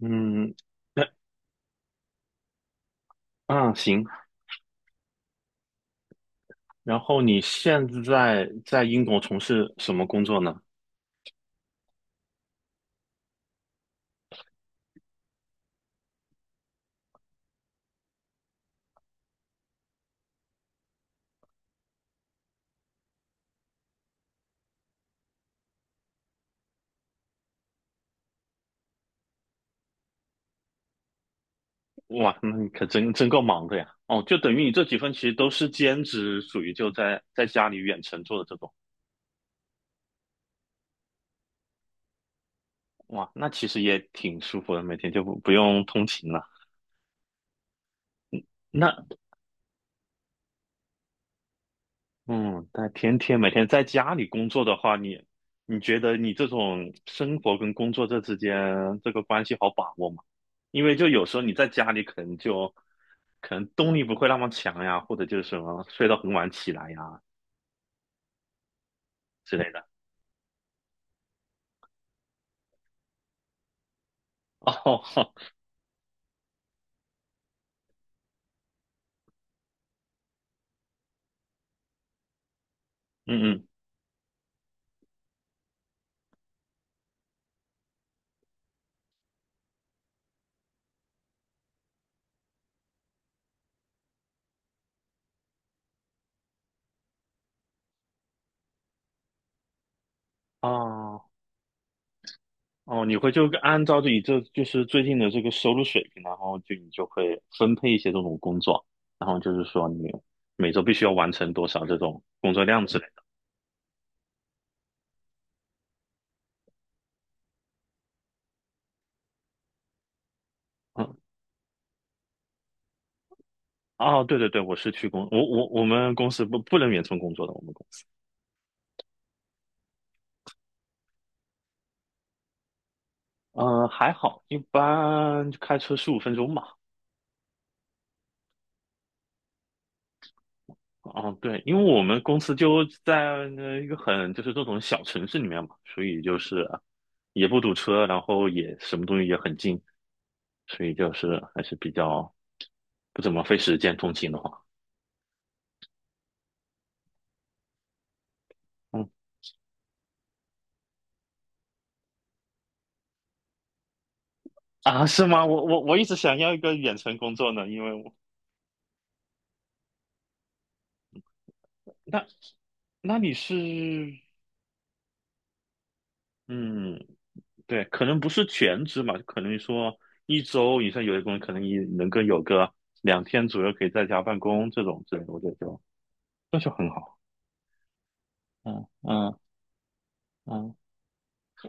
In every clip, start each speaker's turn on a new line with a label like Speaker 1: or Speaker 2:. Speaker 1: 嗯，那啊行。然后你现在在英国从事什么工作呢？哇，那你可真够忙的呀！哦，就等于你这几份其实都是兼职，属于就在家里远程做的这种。哇，那其实也挺舒服的，每天就不用通勤了。那嗯，但每天在家里工作的话，你觉得你这种生活跟工作这之间这个关系好把握吗？因为就有时候你在家里可能动力不会那么强呀，或者就是什么睡到很晚起来呀之类的。哦，嗯嗯，哦哦，你会就按照自己这就是最近的这个收入水平，然后就你就会分配一些这种工作，然后就是说你每周必须要完成多少这种工作量之类的。嗯。哦，对对对，我我们公司不能远程工作的，我们公司，嗯、还好，一般就开车十五分钟吧。啊，对，因为我们公司就在那一个很就是这种小城市里面嘛，所以就是也不堵车，然后也什么东西也很近，所以就是还是比较不怎么费时间通勤的话，嗯啊，是吗？我一直想要一个远程工作呢，因为我那那你是嗯。对，可能不是全职嘛，可能说一周以上有的工人可能你能够有个两天左右可以在家办公这种之类的我觉得就那就很好。嗯嗯嗯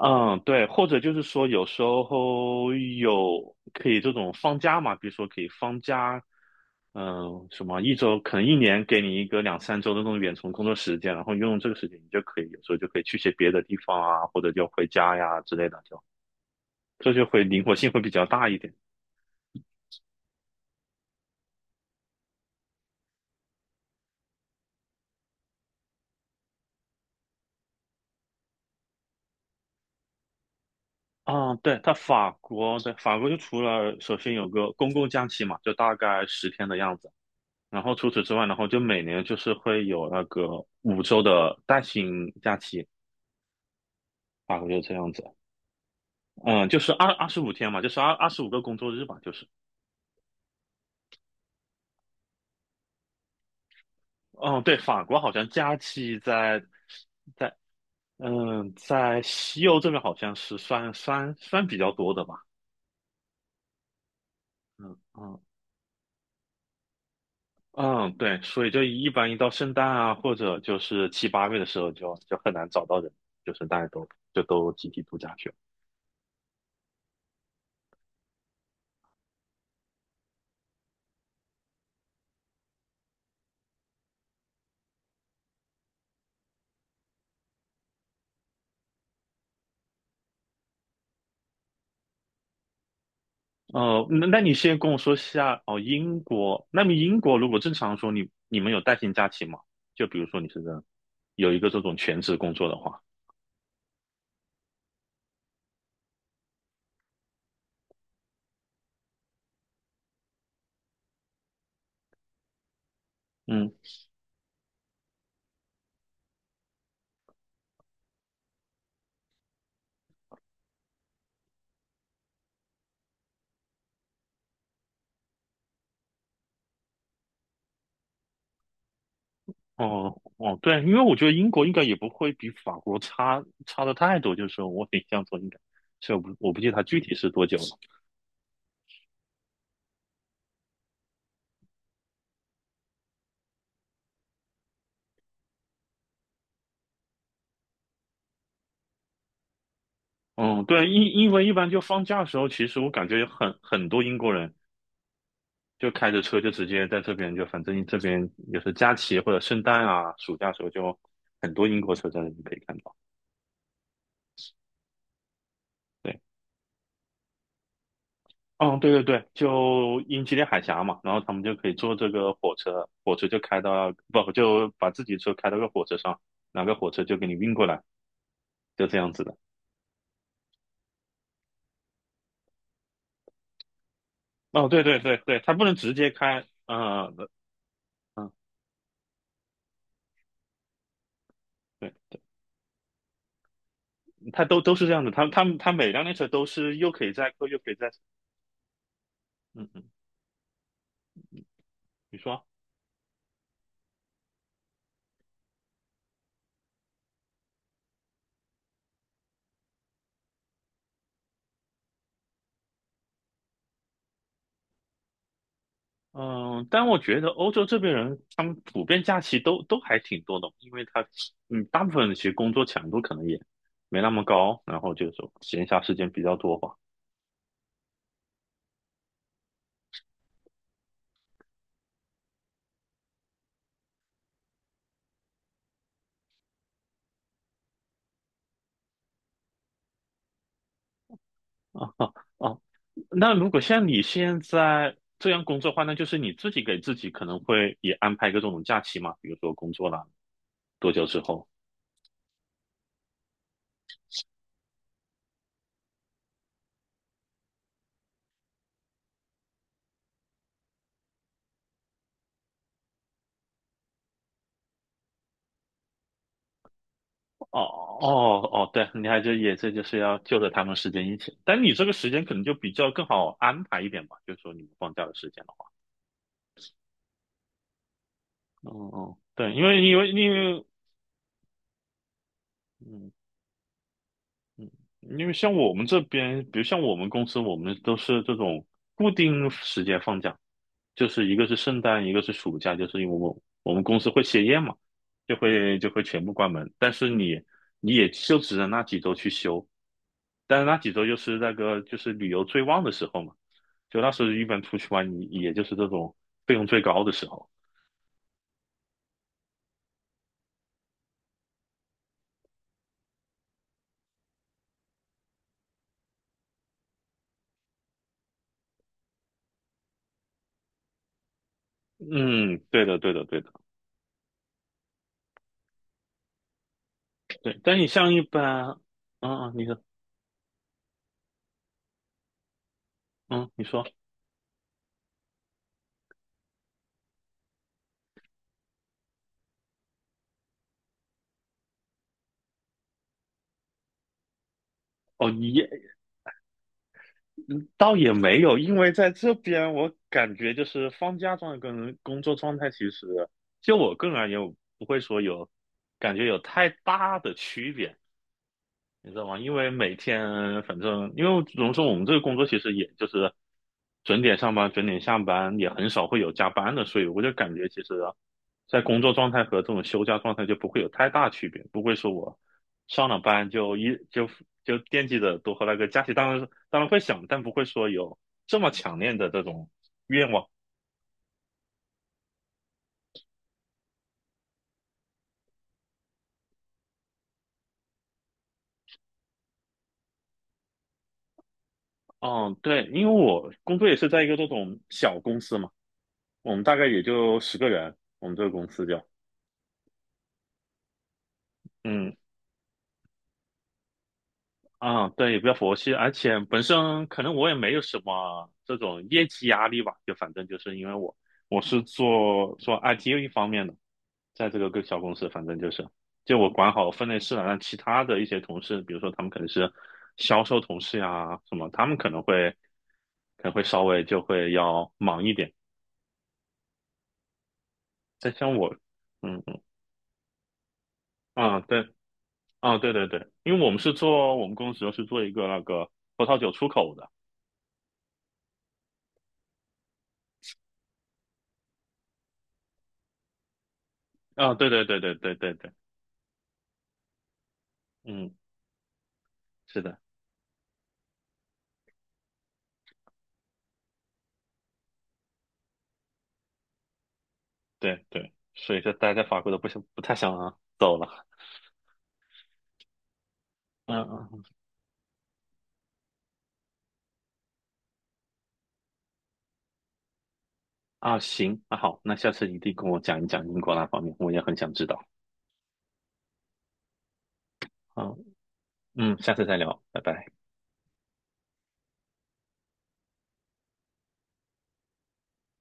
Speaker 1: 嗯，对，或者就是说有时候可以这种放假嘛，比如说可以放假，嗯、什么一周可能一年给你一个两三周的那种远程工作时间，然后用这个时间你就可以有时候就可以去些别的地方啊，或者就回家呀之类的，就这就会灵活性会比较大一点。啊，对，它法国，对，法国就除了首先有个公共假期嘛，就大概十天的样子，除此之外就每年就是会有那个五周的带薪假期，法国就这样子，嗯，就是二十五天嘛，就是二十五个工作日吧，就是，嗯，对，法国好像假期在嗯在西欧这边好像是算比较多的吧，嗯嗯嗯，对，所以就一般一到圣诞啊，或者就是七八月的时候就，就很难找到人，就是大家都就都集体度假去了。哦、那那你先跟我说下哦，英国，那么英国如果正常说你们有带薪假期吗？就比如说你是有一个这种全职工作的话，嗯，哦哦，对，因为我觉得英国应该也不会比法国差的太多，就是我印象中应该，所以我不记得它具体是多久了。嗯，对，因因为一般就放假的时候，其实我感觉有很多英国人就开着车就直接在这边，就反正这边也是假期或者圣诞啊、暑假的时候，就很多英国车在那边可以看到。对，嗯，对对对，就英吉利海峡嘛，然后他们就可以坐这个火车，火车就开到，不，就把自己车开到个火车上，哪个火车就给你运过来，就这样子的。哦，对对对对，它不能直接开，嗯嗯。嗯对。他都是这样的，他每辆列车都是又可以载客又可以载，嗯嗯，你说，嗯，但我觉得欧洲这边人他们普遍假期都还挺多的，因为他嗯大部分人其实工作强度可能也没那么高，然后就是说闲暇时间比较多吧。啊哦，那如果像你现在这样工作的话，那就是你自己给自己可能会也安排一个这种假期嘛，比如说工作了多久之后。哦哦哦，对，你还就也这就是要就着他们时间一起，但你这个时间可能就比较更好安排一点吧，就是说你们放假的时间的话，嗯嗯，对，因为嗯嗯，因为像我们这边，比如像我们公司，我们都是这种固定时间放假，就是一个是圣诞，一个是暑假，就是因为我们公司会歇业嘛，就会全部关门，但是你也就只能那几周去休，但是那几周就是那个就是旅游最旺的时候嘛，就那时候一般出去玩，你也就是这种费用最高的时候。嗯，对的，对的，对的，对。但你像一般，嗯嗯，你说，嗯，你说，哦，也倒也没有，因为在这边我感觉就是放假状态跟工作状态，其实就我个人而言，我不会说有感觉有太大的区别。你知道吗？因为每天反正，因为怎么说，我们这个工作其实也就是准点上班、准点下班，也很少会有加班的，所以我就感觉其实，在工作状态和这种休假状态就不会有太大区别，不会说我上了班就一就就惦记着多喝那个假期，当然会想，但不会说有这么强烈的这种愿望。嗯，对，因为我工作也是在一个这种小公司嘛，我们大概也就十个人，我们这个公司就。嗯，啊，对，比较佛系，而且本身可能我也没有什么这种业绩压力吧，就反正就是因为我我是做 IT 方面的，在这个小公司，反正就是就我管好分内事了，让其他的一些同事，比如说他们可能是销售同事呀什么，他们可能会稍微就会要忙一点，再像我，嗯嗯啊对啊对对对，因为我们公司是做一个那个葡萄酒出口的啊，对对对对对对对。嗯是的，对对，所以说待在法国都不太想走了。嗯嗯嗯啊，行，那好，那下次一定跟我讲一讲英国那方面，我也很想知道。好，嗯，下次再聊，拜拜。